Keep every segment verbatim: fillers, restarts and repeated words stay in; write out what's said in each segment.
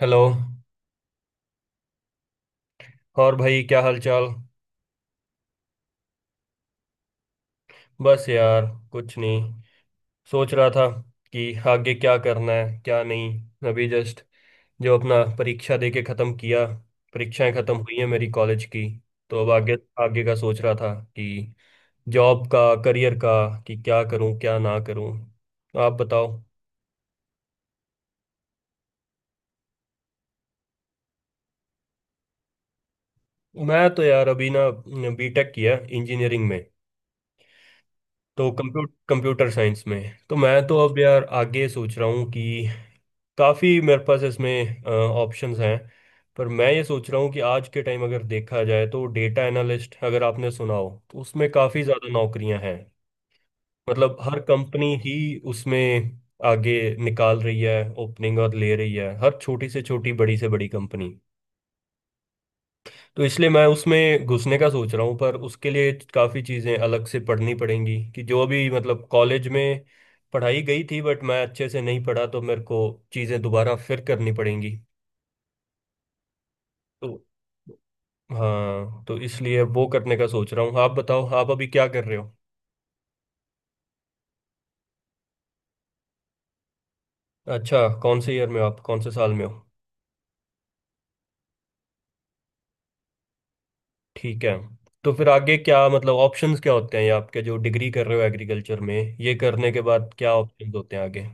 Hello. और भाई क्या हाल चाल। बस यार कुछ नहीं, सोच रहा था कि आगे क्या करना है क्या नहीं। अभी जस्ट जो अपना परीक्षा दे के ख़त्म किया, परीक्षाएं ख़त्म हुई हैं मेरी कॉलेज की। तो अब आगे आगे का सोच रहा था कि जॉब का, करियर का, कि क्या करूं क्या ना करूं। आप बताओ। मैं तो यार अभी ना बीटेक किया इंजीनियरिंग में, तो कंप्यूटर कंप्यूटर साइंस में। तो मैं तो अब यार आगे सोच रहा हूँ कि काफ़ी मेरे पास इसमें ऑप्शंस हैं, पर मैं ये सोच रहा हूँ कि आज के टाइम अगर देखा जाए तो डेटा एनालिस्ट, अगर आपने सुना हो तो, उसमें काफ़ी ज़्यादा नौकरियां हैं। मतलब हर कंपनी ही उसमें आगे निकाल रही है ओपनिंग और ले रही है, हर छोटी से छोटी बड़ी से बड़ी कंपनी। तो इसलिए मैं उसमें घुसने का सोच रहा हूँ, पर उसके लिए काफ़ी चीज़ें अलग से पढ़नी पड़ेंगी कि जो अभी मतलब कॉलेज में पढ़ाई गई थी बट मैं अच्छे से नहीं पढ़ा, तो मेरे को चीज़ें दोबारा फिर करनी पड़ेंगी। तो हाँ, तो इसलिए वो करने का सोच रहा हूँ। आप बताओ आप अभी क्या कर रहे हो। अच्छा, कौन से ईयर में हो आप, कौन से साल में हो। ठीक है। तो फिर आगे क्या मतलब ऑप्शंस क्या होते हैं ये आपके, जो डिग्री कर रहे हो एग्रीकल्चर में, ये करने के बाद क्या ऑप्शंस होते हैं आगे।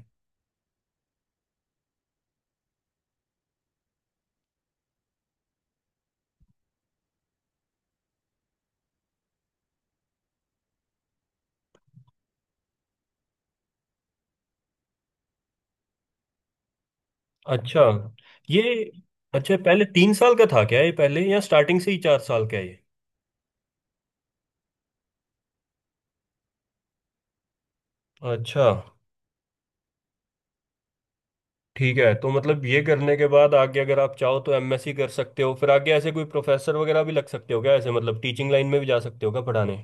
अच्छा, ये, अच्छा पहले तीन साल का था क्या ये पहले, या स्टार्टिंग से ही चार साल का है ये। अच्छा। ठीक है, तो मतलब ये करने के बाद आगे अगर आप चाहो तो एमएससी कर सकते हो, फिर आगे ऐसे कोई प्रोफेसर वगैरह भी लग सकते हो क्या ऐसे, मतलब टीचिंग लाइन में भी जा सकते हो क्या पढ़ाने।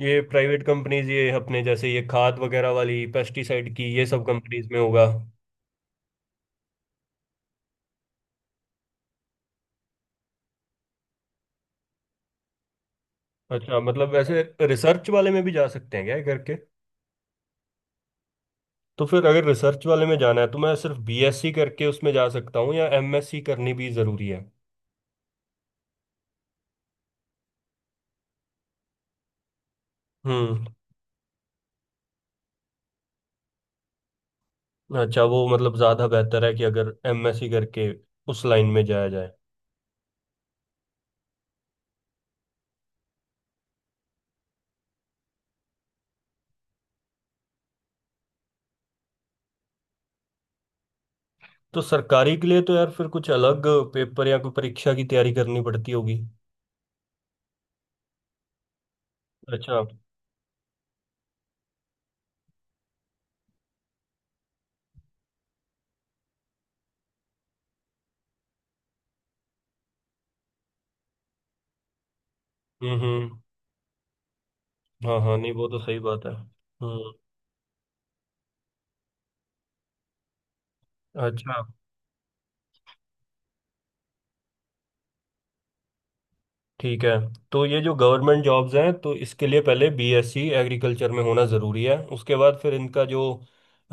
ये प्राइवेट कंपनीज ये अपने जैसे ये खाद वगैरह वाली, पेस्टिसाइड की, ये सब कंपनीज में होगा। अच्छा, मतलब वैसे रिसर्च वाले में भी जा सकते हैं क्या ये करके। तो फिर अगर रिसर्च वाले में जाना है तो मैं सिर्फ बीएससी करके उसमें जा सकता हूँ या एमएससी करनी भी ज़रूरी है। हम्म। अच्छा, वो मतलब ज़्यादा बेहतर है कि अगर एमएससी करके उस लाइन में जाया जाए। तो सरकारी के लिए तो यार फिर कुछ अलग पेपर या कोई परीक्षा की तैयारी करनी पड़ती होगी। अच्छा। हम्म हम्म। हाँ हाँ, नहीं वो तो सही बात है। हम्म। अच्छा। ठीक है, तो ये जो गवर्नमेंट जॉब्स हैं तो इसके लिए पहले बीएससी एग्रीकल्चर में होना ज़रूरी है, उसके बाद फिर इनका जो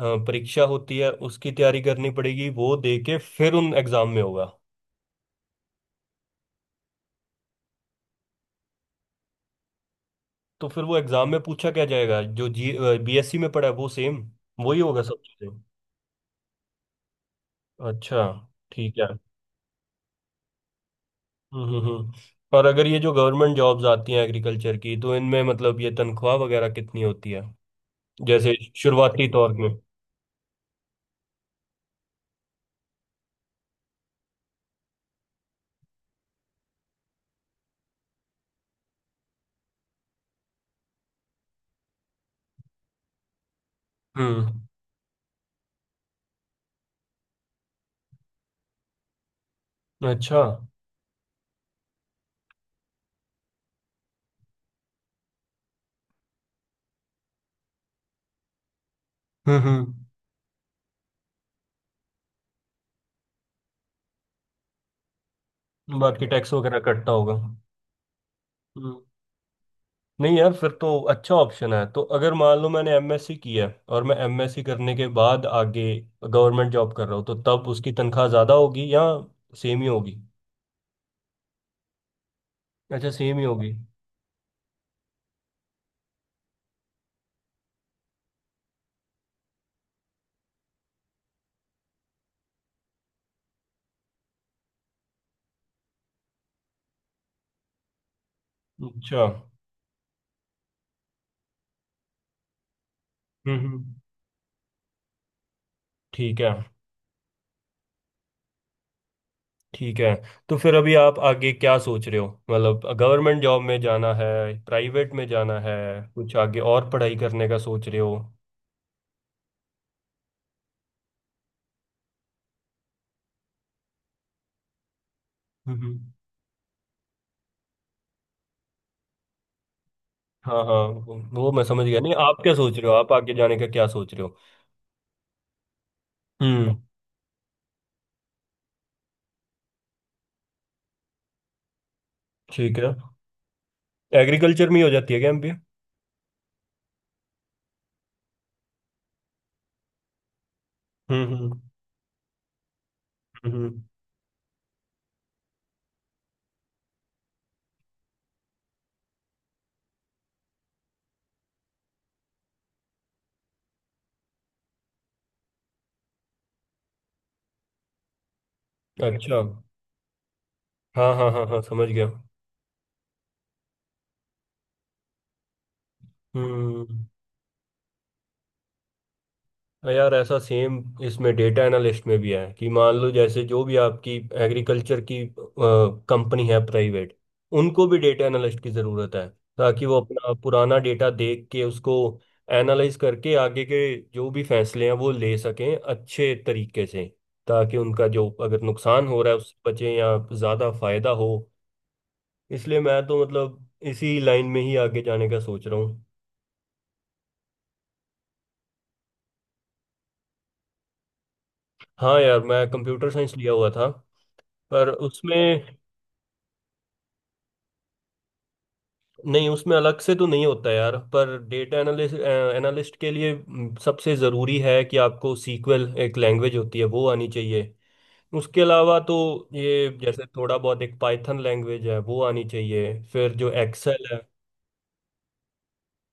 अ, परीक्षा होती है उसकी तैयारी करनी पड़ेगी, वो दे के फिर उन एग्ज़ाम में होगा। तो फिर वो एग्ज़ाम में पूछा क्या जाएगा, जो जी बीएससी में पढ़ा है वो सेम वही होगा सब चीज़ें। अच्छा, ठीक है। हम्म हम्म हम्म। और अगर ये जो गवर्नमेंट जॉब्स आती हैं एग्रीकल्चर की तो इनमें मतलब ये तनख्वाह वगैरह कितनी होती है जैसे शुरुआती तौर में। हम्म। अच्छा। हम्म हम्म। बाकी टैक्स वगैरह कटता होगा। हम्म। नहीं यार फिर तो अच्छा ऑप्शन है। तो अगर मान लो मैंने एमएससी किया है और मैं एमएससी करने के बाद आगे गवर्नमेंट जॉब कर रहा हूँ, तो तब उसकी तनख्वाह ज़्यादा होगी या सेम ही होगी। अच्छा सेम ही होगी। अच्छा। हम्म हम्म, ठीक है। ठीक है, तो फिर अभी आप आगे क्या सोच रहे हो, मतलब गवर्नमेंट जॉब में जाना है, प्राइवेट में जाना है, कुछ आगे और पढ़ाई करने का सोच रहे हो। हम्म। हाँ हाँ, वो वो मैं समझ गया। नहीं आप क्या सोच रहे हो, आप आगे जाने का क्या सोच रहे हो। हम्म। ठीक है। एग्रीकल्चर में ही हो जाती है क्या एमबी। हम्म हम्म हम्म, अच्छा। हाँ हाँ हाँ हाँ, समझ गया। हम्म। हाँ यार ऐसा सेम इसमें डेटा एनालिस्ट में भी है कि मान लो जैसे जो भी आपकी एग्रीकल्चर की कंपनी है प्राइवेट, उनको भी डेटा एनालिस्ट की ज़रूरत है ताकि वो अपना पुराना डेटा देख के उसको एनालाइज करके आगे के जो भी फैसले हैं वो ले सकें अच्छे तरीके से, ताकि उनका जो अगर नुकसान हो रहा है उससे बचें या ज़्यादा फायदा हो। इसलिए मैं तो मतलब इसी लाइन में ही आगे जाने का सोच रहा हूँ। हाँ यार मैं कंप्यूटर साइंस लिया हुआ था, पर उसमें, नहीं उसमें अलग से तो नहीं होता यार, पर डेटा एनालिस्ट एनालिस्ट के लिए म, सबसे ज़रूरी है कि आपको सीक्वल, एक लैंग्वेज होती है वो आनी चाहिए। उसके अलावा तो ये जैसे थोड़ा बहुत एक पाइथन लैंग्वेज है वो आनी चाहिए, फिर जो एक्सेल है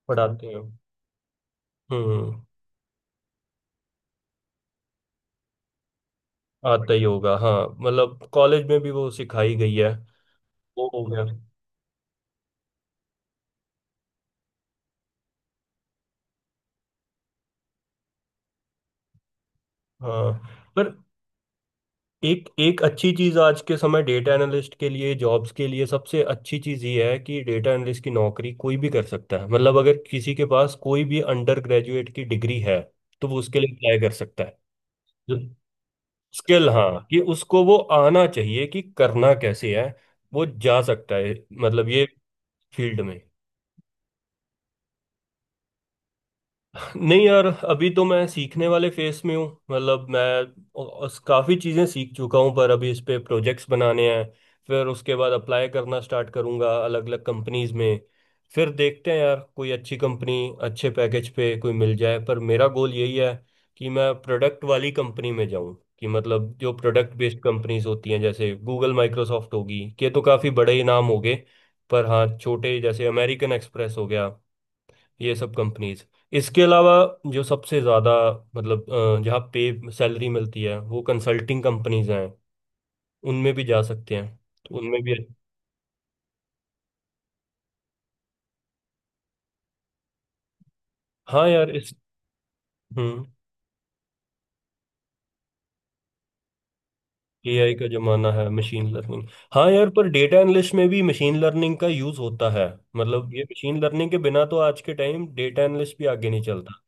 पढ़ाते हैं। हम्म। आता ही होगा हाँ, मतलब कॉलेज में भी वो सिखाई गई है, वो हो गया। हाँ, पर एक एक अच्छी चीज़ आज के समय डेटा एनालिस्ट के लिए, जॉब्स के लिए सबसे अच्छी चीज़ ये है कि डेटा एनालिस्ट की नौकरी कोई भी कर सकता है, मतलब अगर किसी के पास कोई भी अंडर ग्रेजुएट की डिग्री है तो वो उसके लिए अप्लाई कर सकता है। जो स्किल, हाँ कि उसको वो आना चाहिए कि करना कैसे है, वो जा सकता है मतलब ये फील्ड में। नहीं यार अभी तो मैं सीखने वाले फेस में हूँ, मतलब मैं अ- अस- काफ़ी चीज़ें सीख चुका हूँ पर अभी इस पे प्रोजेक्ट्स बनाने हैं। फिर उसके बाद अप्लाई करना स्टार्ट करूँगा अलग अलग कंपनीज में, फिर देखते हैं यार कोई अच्छी कंपनी अच्छे पैकेज पे कोई मिल जाए। पर मेरा गोल यही है कि मैं प्रोडक्ट वाली कंपनी में जाऊँ, कि मतलब जो प्रोडक्ट बेस्ड कंपनीज होती हैं जैसे गूगल माइक्रोसॉफ्ट होगी, के तो काफ़ी बड़े ही नाम हो गए, पर हाँ छोटे जैसे अमेरिकन एक्सप्रेस हो गया ये सब कंपनीज, इसके अलावा जो सबसे ज़्यादा मतलब अ, जहाँ पे सैलरी मिलती है वो कंसल्टिंग कंपनीज हैं, उनमें भी जा सकते हैं, तो उनमें भी। हाँ यार इस, हम्म, एआई का जमाना है, मशीन लर्निंग। हाँ यार, पर डेटा एनालिस्ट में भी मशीन लर्निंग का यूज़ होता है, मतलब ये मशीन लर्निंग के बिना तो आज के टाइम डेटा एनालिस्ट भी आगे नहीं चलता।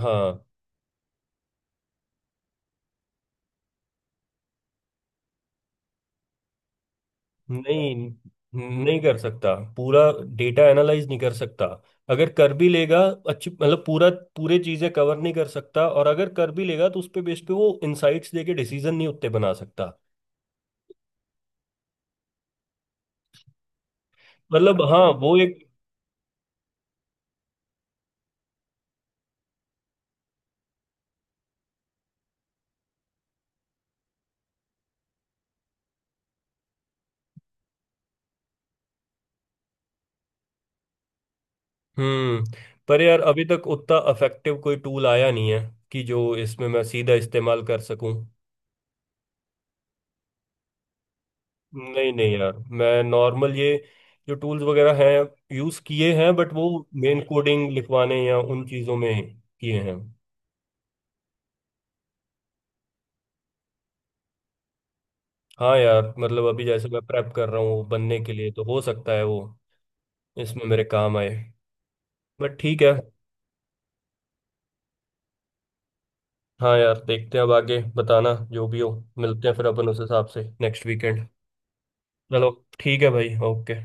हाँ। नहीं, नहीं कर सकता पूरा डेटा एनालाइज नहीं कर सकता, अगर कर भी लेगा, अच्छी मतलब पूरा, पूरे चीजें कवर नहीं कर सकता, और अगर कर भी लेगा तो उस पे बेस पे वो इनसाइट्स देके डिसीजन नहीं उतने बना सकता। मतलब हाँ अच्छा वो एक। हम्म, पर यार अभी तक उतना इफेक्टिव कोई टूल आया नहीं है कि जो इसमें मैं सीधा इस्तेमाल कर सकूं। नहीं नहीं यार, मैं नॉर्मल ये जो टूल्स वगैरह हैं यूज किए हैं बट वो मेन कोडिंग लिखवाने या उन चीजों में किए हैं। हाँ यार मतलब अभी जैसे मैं प्रेप कर रहा हूँ बनने के लिए तो हो सकता है वो इसमें मेरे काम आए। बट ठीक है। हाँ यार, देखते हैं अब आगे बताना जो भी हो, मिलते हैं फिर अपन उस हिसाब से नेक्स्ट वीकेंड। चलो, ठीक है भाई ओके।